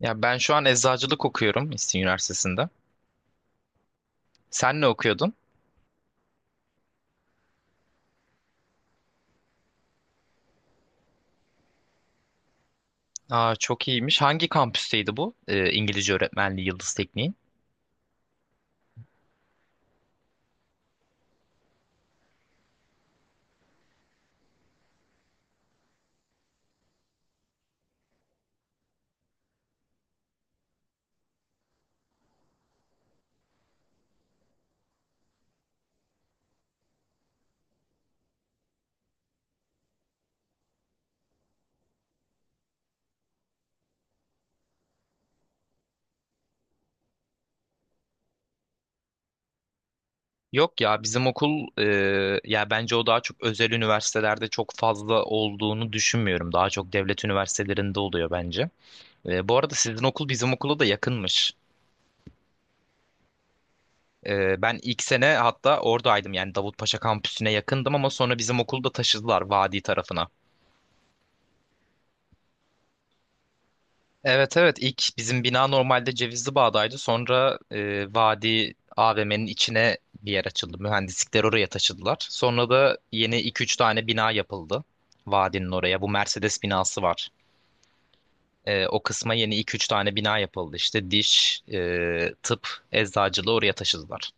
Ya ben şu an eczacılık okuyorum İstinye Üniversitesi'nde. Sen ne okuyordun? Aa, çok iyiymiş. Hangi kampüsteydi bu? İngilizce öğretmenliği Yıldız Tekniği. Yok ya bizim okul ya bence o daha çok özel üniversitelerde çok fazla olduğunu düşünmüyorum. Daha çok devlet üniversitelerinde oluyor bence. Bu arada sizin okul bizim okula da yakınmış. Ben ilk sene hatta oradaydım yani Davutpaşa kampüsüne yakındım ama sonra bizim okulu da taşıdılar Vadi tarafına. Evet, evet, ilk bizim bina normalde Cevizli Bağ'daydı. Sonra Vadi AVM'nin içine bir yer açıldı. Mühendislikler oraya taşıdılar. Sonra da yeni iki üç tane bina yapıldı. Vadinin oraya. Bu Mercedes binası var. O kısma yeni iki üç tane bina yapıldı. İşte diş, tıp, eczacılığı oraya taşıdılar.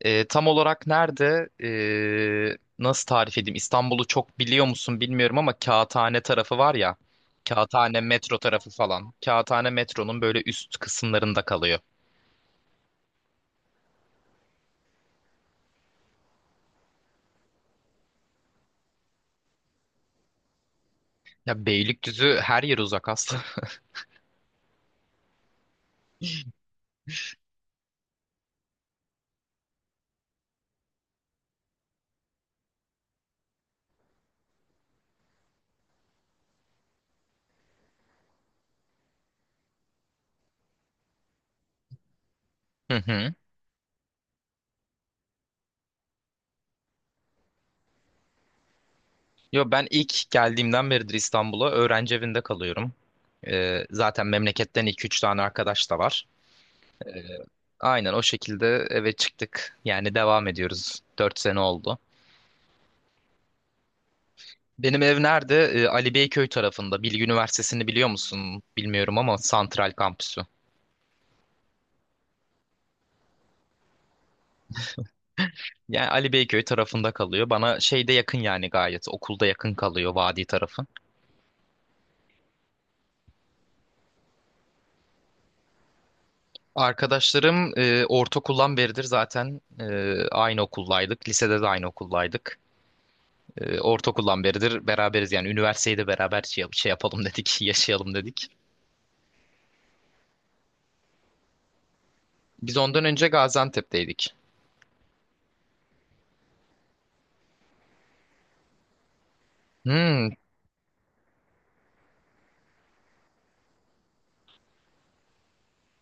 Tam olarak nerede? Nasıl tarif edeyim? İstanbul'u çok biliyor musun bilmiyorum ama Kağıthane tarafı var ya. Kağıthane metro tarafı falan. Kağıthane metronun böyle üst kısımlarında kalıyor. Ya Beylikdüzü her yer uzak aslında. Hı hı. Yo, ben ilk geldiğimden beridir İstanbul'a öğrenci evinde kalıyorum. Zaten memleketten iki üç tane arkadaş da var. Ee, aynen o şekilde eve çıktık. Yani devam ediyoruz. 4 sene oldu. Benim ev nerede? Ali Beyköy tarafında. Bilgi Üniversitesi'ni biliyor musun? Bilmiyorum ama Santral Kampüsü. Yani Ali Beyköy tarafında kalıyor. Bana şeyde yakın yani gayet. Okulda yakın kalıyor vadi tarafı. Arkadaşlarım ortaokuldan beridir zaten aynı okuldaydık. Lisede de aynı okuldaydık. Ortaokuldan beridir beraberiz yani. Üniversiteyi de beraber şey yapalım dedik, yaşayalım dedik. Biz ondan önce Gaziantep'teydik. Hmm,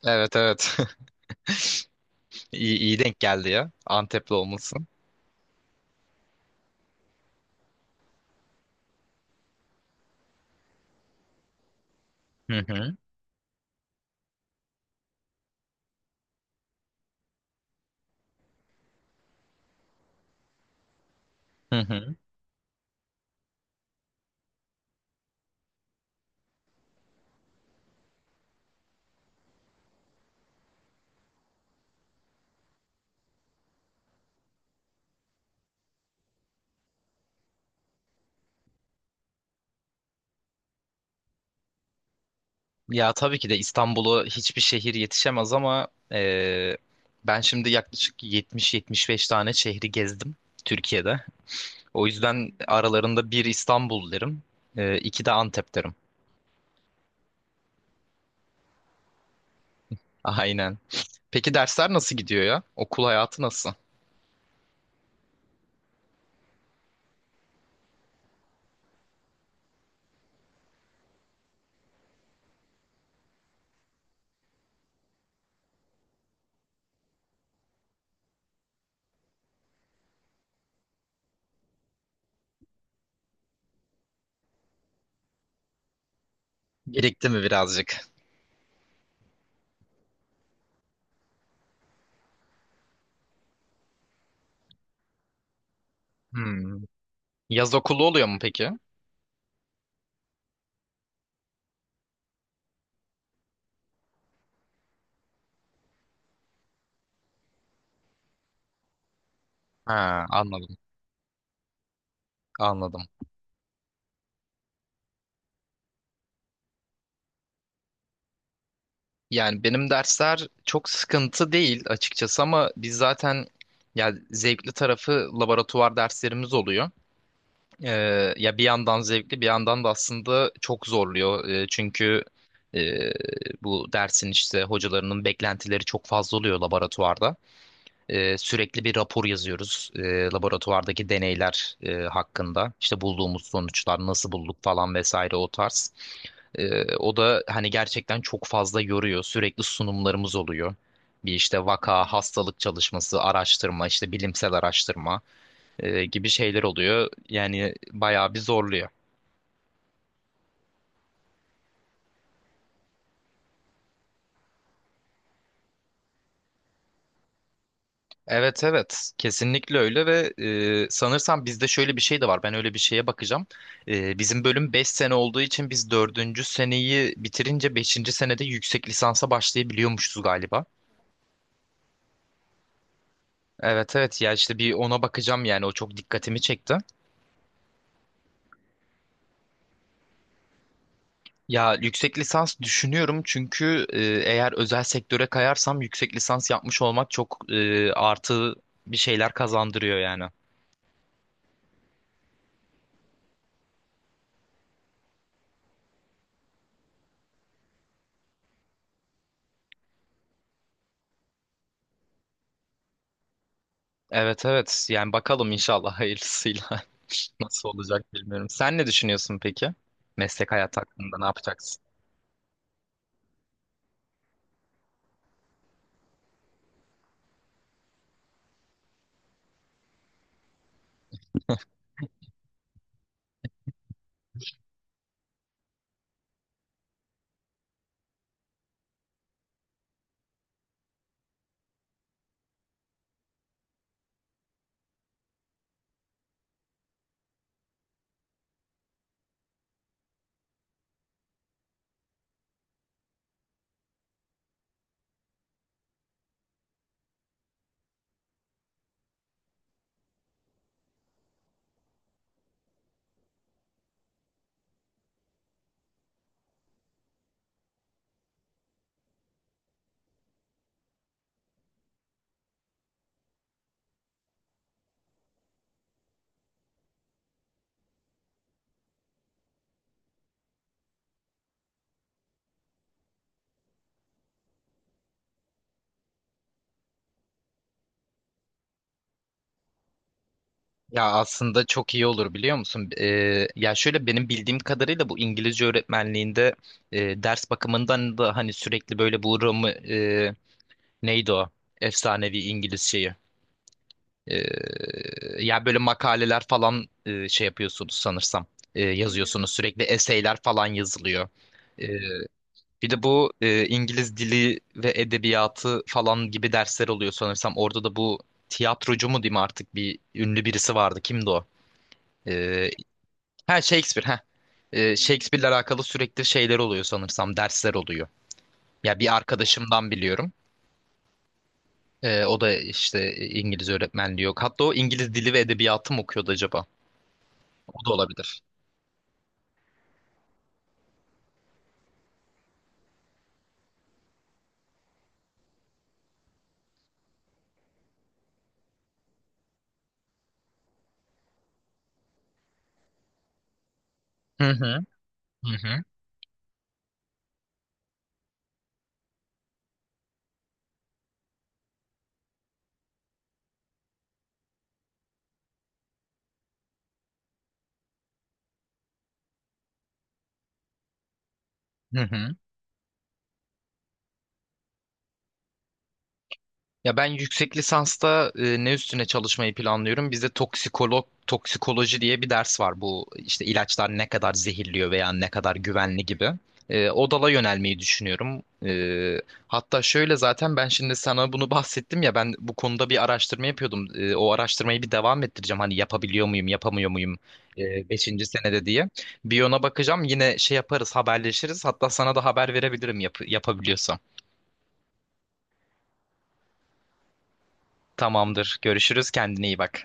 evet, evet. İyi, iyi denk geldi ya. Antepli olması. Hı hı. Hı hı. Ya tabii ki de İstanbul'u hiçbir şehir yetişemez ama ben şimdi yaklaşık 70-75 tane şehri gezdim Türkiye'de. O yüzden aralarında bir İstanbul derim, iki de Antep derim. Aynen. Peki dersler nasıl gidiyor ya? Okul hayatı nasıl? Birikti mi birazcık? Hmm. Yaz okulu oluyor mu peki? Ha, anladım, anladım. Yani benim dersler çok sıkıntı değil açıkçası ama biz zaten yani zevkli tarafı laboratuvar derslerimiz oluyor. Ya bir yandan zevkli bir yandan da aslında çok zorluyor. Çünkü e, bu dersin işte hocalarının beklentileri çok fazla oluyor laboratuvarda. Sürekli bir rapor yazıyoruz laboratuvardaki deneyler hakkında. İşte bulduğumuz sonuçlar nasıl bulduk falan vesaire o tarz. O da hani gerçekten çok fazla yoruyor. Sürekli sunumlarımız oluyor. Bir işte vaka, hastalık çalışması, araştırma, işte bilimsel araştırma gibi şeyler oluyor. Yani bayağı bir zorluyor. Evet, evet, kesinlikle öyle ve sanırsam bizde şöyle bir şey de var, ben öyle bir şeye bakacağım. Bizim bölüm 5 sene olduğu için biz dördüncü seneyi bitirince beşinci senede yüksek lisansa başlayabiliyormuşuz galiba. Evet, evet, ya işte bir ona bakacağım yani o çok dikkatimi çekti. Ya yüksek lisans düşünüyorum çünkü eğer özel sektöre kayarsam yüksek lisans yapmış olmak çok artı bir şeyler kazandırıyor yani. Evet, evet, yani bakalım inşallah hayırlısıyla nasıl olacak bilmiyorum. Sen ne düşünüyorsun peki? Meslek hayatı hakkında ne yapacaksın? Ya aslında çok iyi olur biliyor musun? Ya şöyle benim bildiğim kadarıyla bu İngilizce öğretmenliğinde ders bakımından da hani sürekli böyle bu Roma, neydi o? Efsanevi İngiliz şeyi. Ya böyle makaleler falan şey yapıyorsunuz sanırsam. Yazıyorsunuz sürekli eseyler falan yazılıyor. Ee, Bir de bu İngiliz dili ve edebiyatı falan gibi dersler oluyor sanırsam. Orada da bu tiyatrocu mu diyeyim artık bir ünlü birisi vardı. Kimdi o? E, ha Shakespeare. Ha. Shakespeare'le alakalı sürekli şeyler oluyor sanırsam. Dersler oluyor. Ya bir arkadaşımdan biliyorum. O da işte İngiliz öğretmenliği yok. Hatta o İngiliz dili ve edebiyatı mı okuyordu acaba? O da olabilir. Hı hı. Hı hı. Hı hı. Ya ben yüksek lisansta ne üstüne çalışmayı planlıyorum? Bizde toksikolog toksikoloji diye bir ders var. Bu işte ilaçlar ne kadar zehirliyor veya ne kadar güvenli gibi. O dala yönelmeyi düşünüyorum. Hatta şöyle zaten ben şimdi sana bunu bahsettim ya ben bu konuda bir araştırma yapıyordum. O araştırmayı bir devam ettireceğim. Hani yapabiliyor muyum, yapamıyor muyum? Beşinci senede diye. Bir ona bakacağım. Yine şey yaparız, haberleşiriz. Hatta sana da haber verebilirim yapabiliyorsam. Tamamdır. Görüşürüz. Kendine iyi bak.